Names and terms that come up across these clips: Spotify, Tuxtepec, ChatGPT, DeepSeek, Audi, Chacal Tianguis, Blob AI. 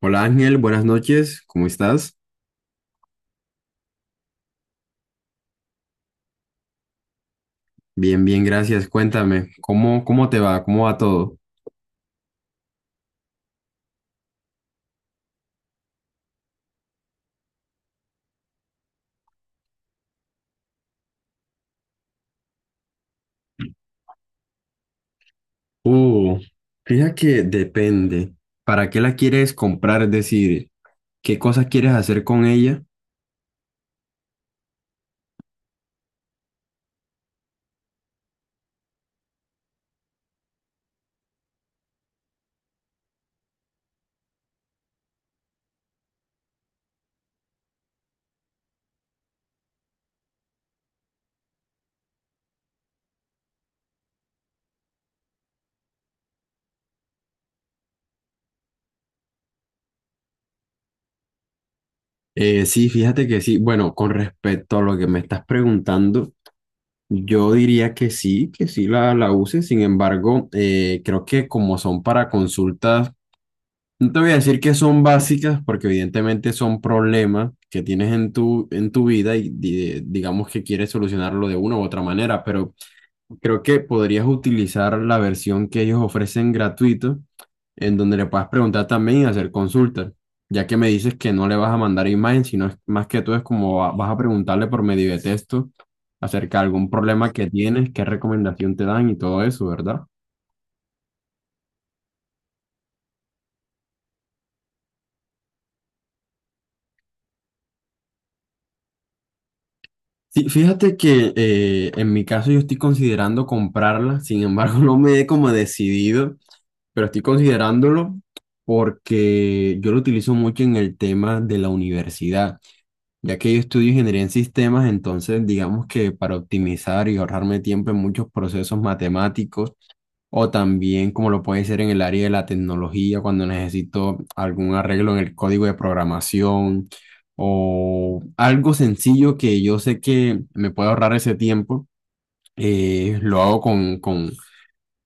Hola Ángel, buenas noches, ¿cómo estás? Bien, bien, gracias. Cuéntame, ¿cómo te va? ¿Cómo va todo? Uh, fíjate que depende. ¿Para qué la quieres comprar? Es decir, ¿qué cosas quieres hacer con ella? Sí, fíjate que sí. Bueno, con respecto a lo que me estás preguntando, yo diría que sí la uses. Sin embargo, creo que como son para consultas. No te voy a decir que son básicas porque evidentemente son problemas que tienes en tu vida y digamos que quieres solucionarlo de una u otra manera, pero creo que podrías utilizar la versión que ellos ofrecen gratuito, en donde le puedas preguntar también y hacer consultas, ya que me dices que no le vas a mandar imagen, sino más que todo es como vas a preguntarle por medio de texto acerca de algún problema que tienes, qué recomendación te dan y todo eso, ¿verdad? Sí, fíjate que en mi caso yo estoy considerando comprarla, sin embargo no me he como decidido, pero estoy considerándolo porque yo lo utilizo mucho en el tema de la universidad, ya que yo estudio ingeniería en sistemas. Entonces digamos que para optimizar y ahorrarme tiempo en muchos procesos matemáticos, o también como lo puede ser en el área de la tecnología, cuando necesito algún arreglo en el código de programación o algo sencillo que yo sé que me puede ahorrar ese tiempo, lo hago con, con,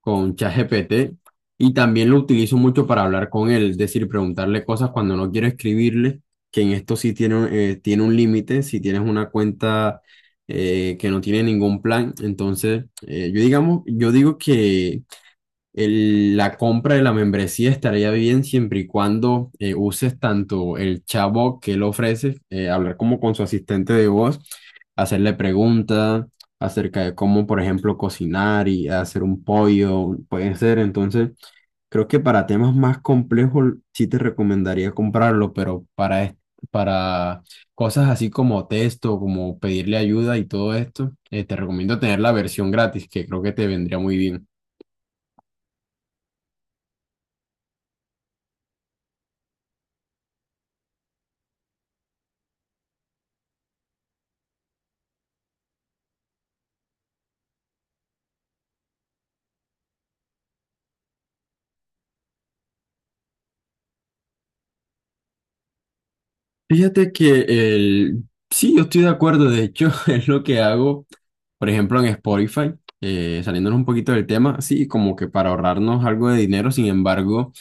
con ChatGPT. Y también lo utilizo mucho para hablar con él, es decir, preguntarle cosas cuando no quiero escribirle, que en esto sí tiene, tiene un límite, si tienes una cuenta que no tiene ningún plan, entonces yo digo que la compra de la membresía estaría bien siempre y cuando uses tanto el chatbot que él ofrece, hablar como con su asistente de voz, hacerle preguntas acerca de cómo, por ejemplo, cocinar y hacer un pollo, puede ser. Entonces, creo que para temas más complejos sí te recomendaría comprarlo, pero para cosas así como texto, como pedirle ayuda y todo esto, te recomiendo tener la versión gratis, que creo que te vendría muy bien. Fíjate que el... sí, yo estoy de acuerdo, de hecho, es lo que hago, por ejemplo, en Spotify, saliéndonos un poquito del tema, sí, como que para ahorrarnos algo de dinero, sin embargo.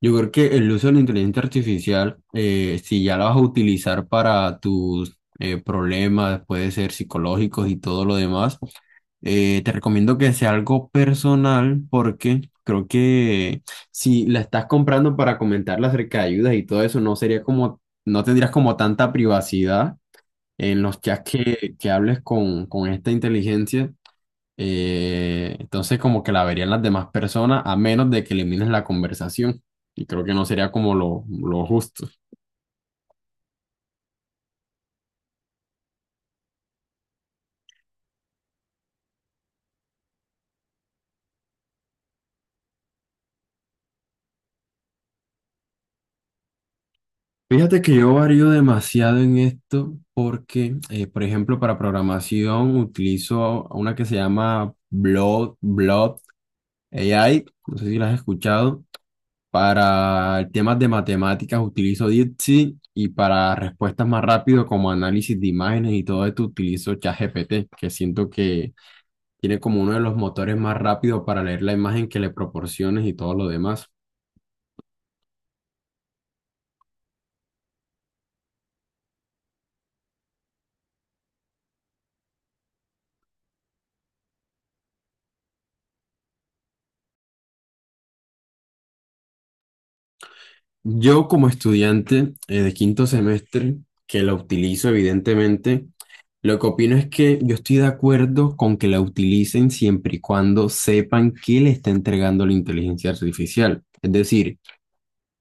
Yo creo que el uso de la inteligencia artificial, si ya la vas a utilizar para tus problemas, puede ser psicológicos y todo lo demás, te recomiendo que sea algo personal, porque creo que si la estás comprando para comentarla acerca de ayudas y todo eso, no sería como, no tendrías como tanta privacidad en los chats que hables con esta inteligencia. Entonces como que la verían las demás personas a menos de que elimines la conversación. Y creo que no sería como lo justo. Fíjate que yo varío demasiado en esto, porque, por ejemplo, para programación utilizo una que se llama Blob AI, no sé si la has escuchado. Para temas de matemáticas utilizo DeepSeek, y para respuestas más rápido como análisis de imágenes y todo esto utilizo ChatGPT, que siento que tiene como uno de los motores más rápidos para leer la imagen que le proporciones y todo lo demás. Yo como estudiante de quinto semestre, que la utilizo evidentemente, lo que opino es que yo estoy de acuerdo con que la utilicen siempre y cuando sepan qué le está entregando la inteligencia artificial. Es decir,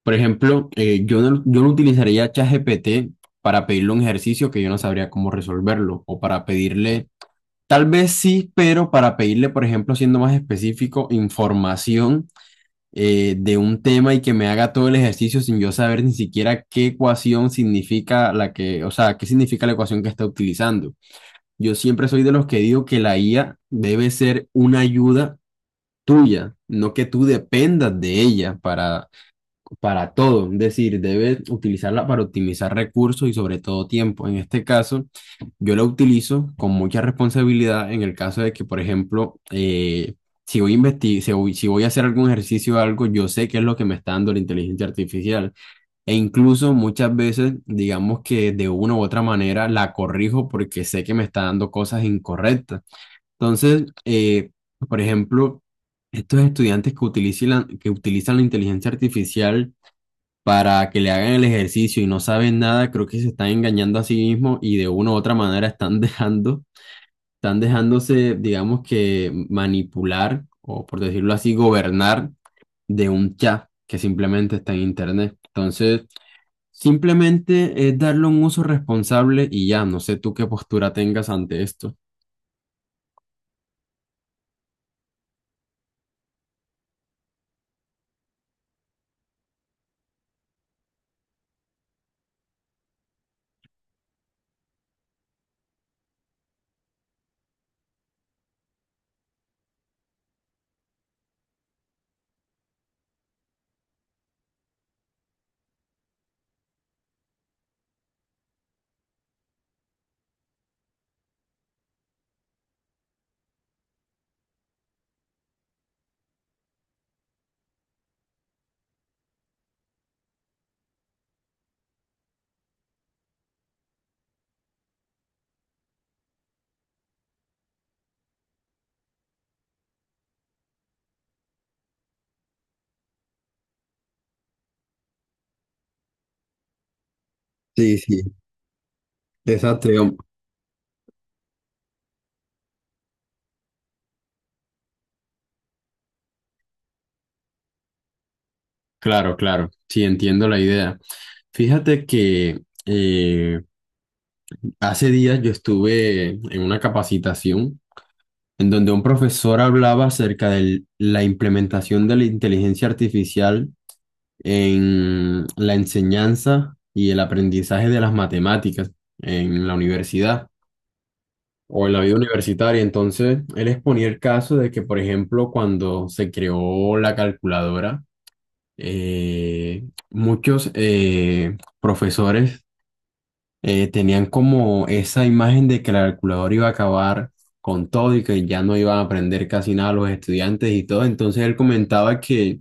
por ejemplo, yo no utilizaría ChatGPT para pedirle un ejercicio que yo no sabría cómo resolverlo, o para pedirle. Tal vez sí, pero para pedirle, por ejemplo, siendo más específico, información de un tema y que me haga todo el ejercicio sin yo saber ni siquiera qué ecuación significa la que, o sea, qué significa la ecuación que está utilizando. Yo siempre soy de los que digo que la IA debe ser una ayuda tuya, no que tú dependas de ella para todo, es decir, debe utilizarla para optimizar recursos y sobre todo tiempo. En este caso, yo la utilizo con mucha responsabilidad en el caso de que, por ejemplo, si voy a si voy a hacer algún ejercicio o algo, yo sé qué es lo que me está dando la inteligencia artificial. E incluso muchas veces, digamos que de una u otra manera la corrijo porque sé que me está dando cosas incorrectas. Entonces, por ejemplo, estos estudiantes que utilizan la inteligencia artificial para que le hagan el ejercicio y no saben nada, creo que se están engañando a sí mismos y de una u otra manera están dejando, están dejándose, digamos que manipular o, por decirlo así, gobernar de un chat que simplemente está en internet. Entonces, simplemente es darle un uso responsable y ya, no sé tú qué postura tengas ante esto. Sí, sí. Exacto, digamos. Claro, claro, sí, entiendo la idea. Fíjate que hace días yo estuve en una capacitación en donde un profesor hablaba acerca de la implementación de la inteligencia artificial en la enseñanza y el aprendizaje de las matemáticas en la universidad o en la vida universitaria. Entonces, él exponía el caso de que, por ejemplo, cuando se creó la calculadora, muchos profesores tenían como esa imagen de que la calculadora iba a acabar con todo y que ya no iban a aprender casi nada los estudiantes y todo. Entonces él comentaba que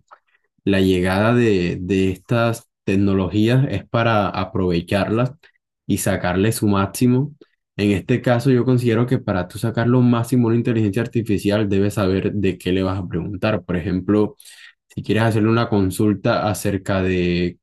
la llegada de estas tecnologías es para aprovecharlas y sacarle su máximo. En este caso, yo considero que para tú sacar lo máximo a una inteligencia artificial, debes saber de qué le vas a preguntar. Por ejemplo, si quieres hacerle una consulta acerca de,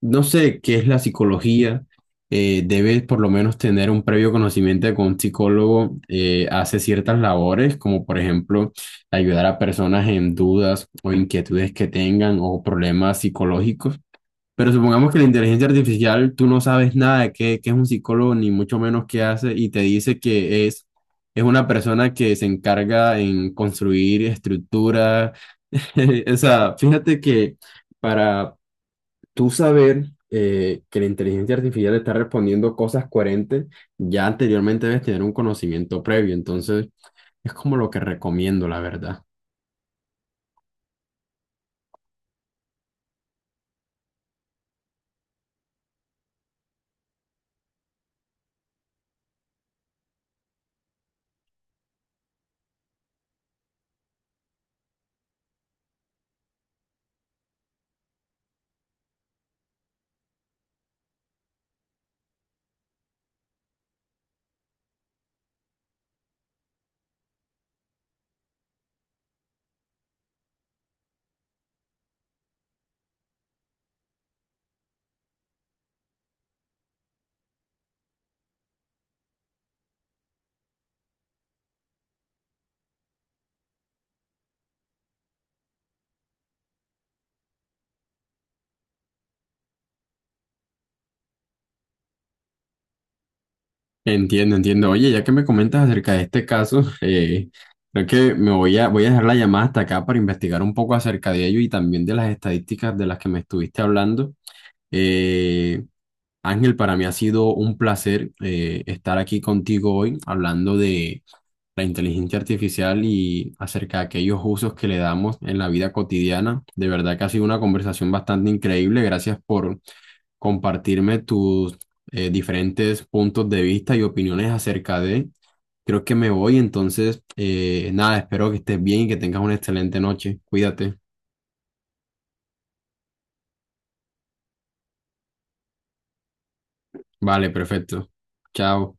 no sé, qué es la psicología, debes por lo menos tener un previo conocimiento de que un psicólogo hace ciertas labores, como por ejemplo ayudar a personas en dudas o inquietudes que tengan, o problemas psicológicos. Pero supongamos que la inteligencia artificial, tú no sabes nada de qué es un psicólogo, ni mucho menos qué hace, y te dice que es una persona que se encarga en construir estructuras. O sea, fíjate que para tú saber que la inteligencia artificial está respondiendo cosas coherentes, ya anteriormente debes tener un conocimiento previo. Entonces, es como lo que recomiendo, la verdad. Entiendo, entiendo. Oye, ya que me comentas acerca de este caso, creo que voy a dejar la llamada hasta acá para investigar un poco acerca de ello, y también de las estadísticas de las que me estuviste hablando. Eh, Ángel, para mí ha sido un placer estar aquí contigo hoy hablando de la inteligencia artificial y acerca de aquellos usos que le damos en la vida cotidiana. De verdad que ha sido una conversación bastante increíble. Gracias por compartirme tus diferentes puntos de vista y opiniones acerca de. Creo que me voy, entonces, nada, espero que estés bien y que tengas una excelente noche. Cuídate. Vale, perfecto. Chao.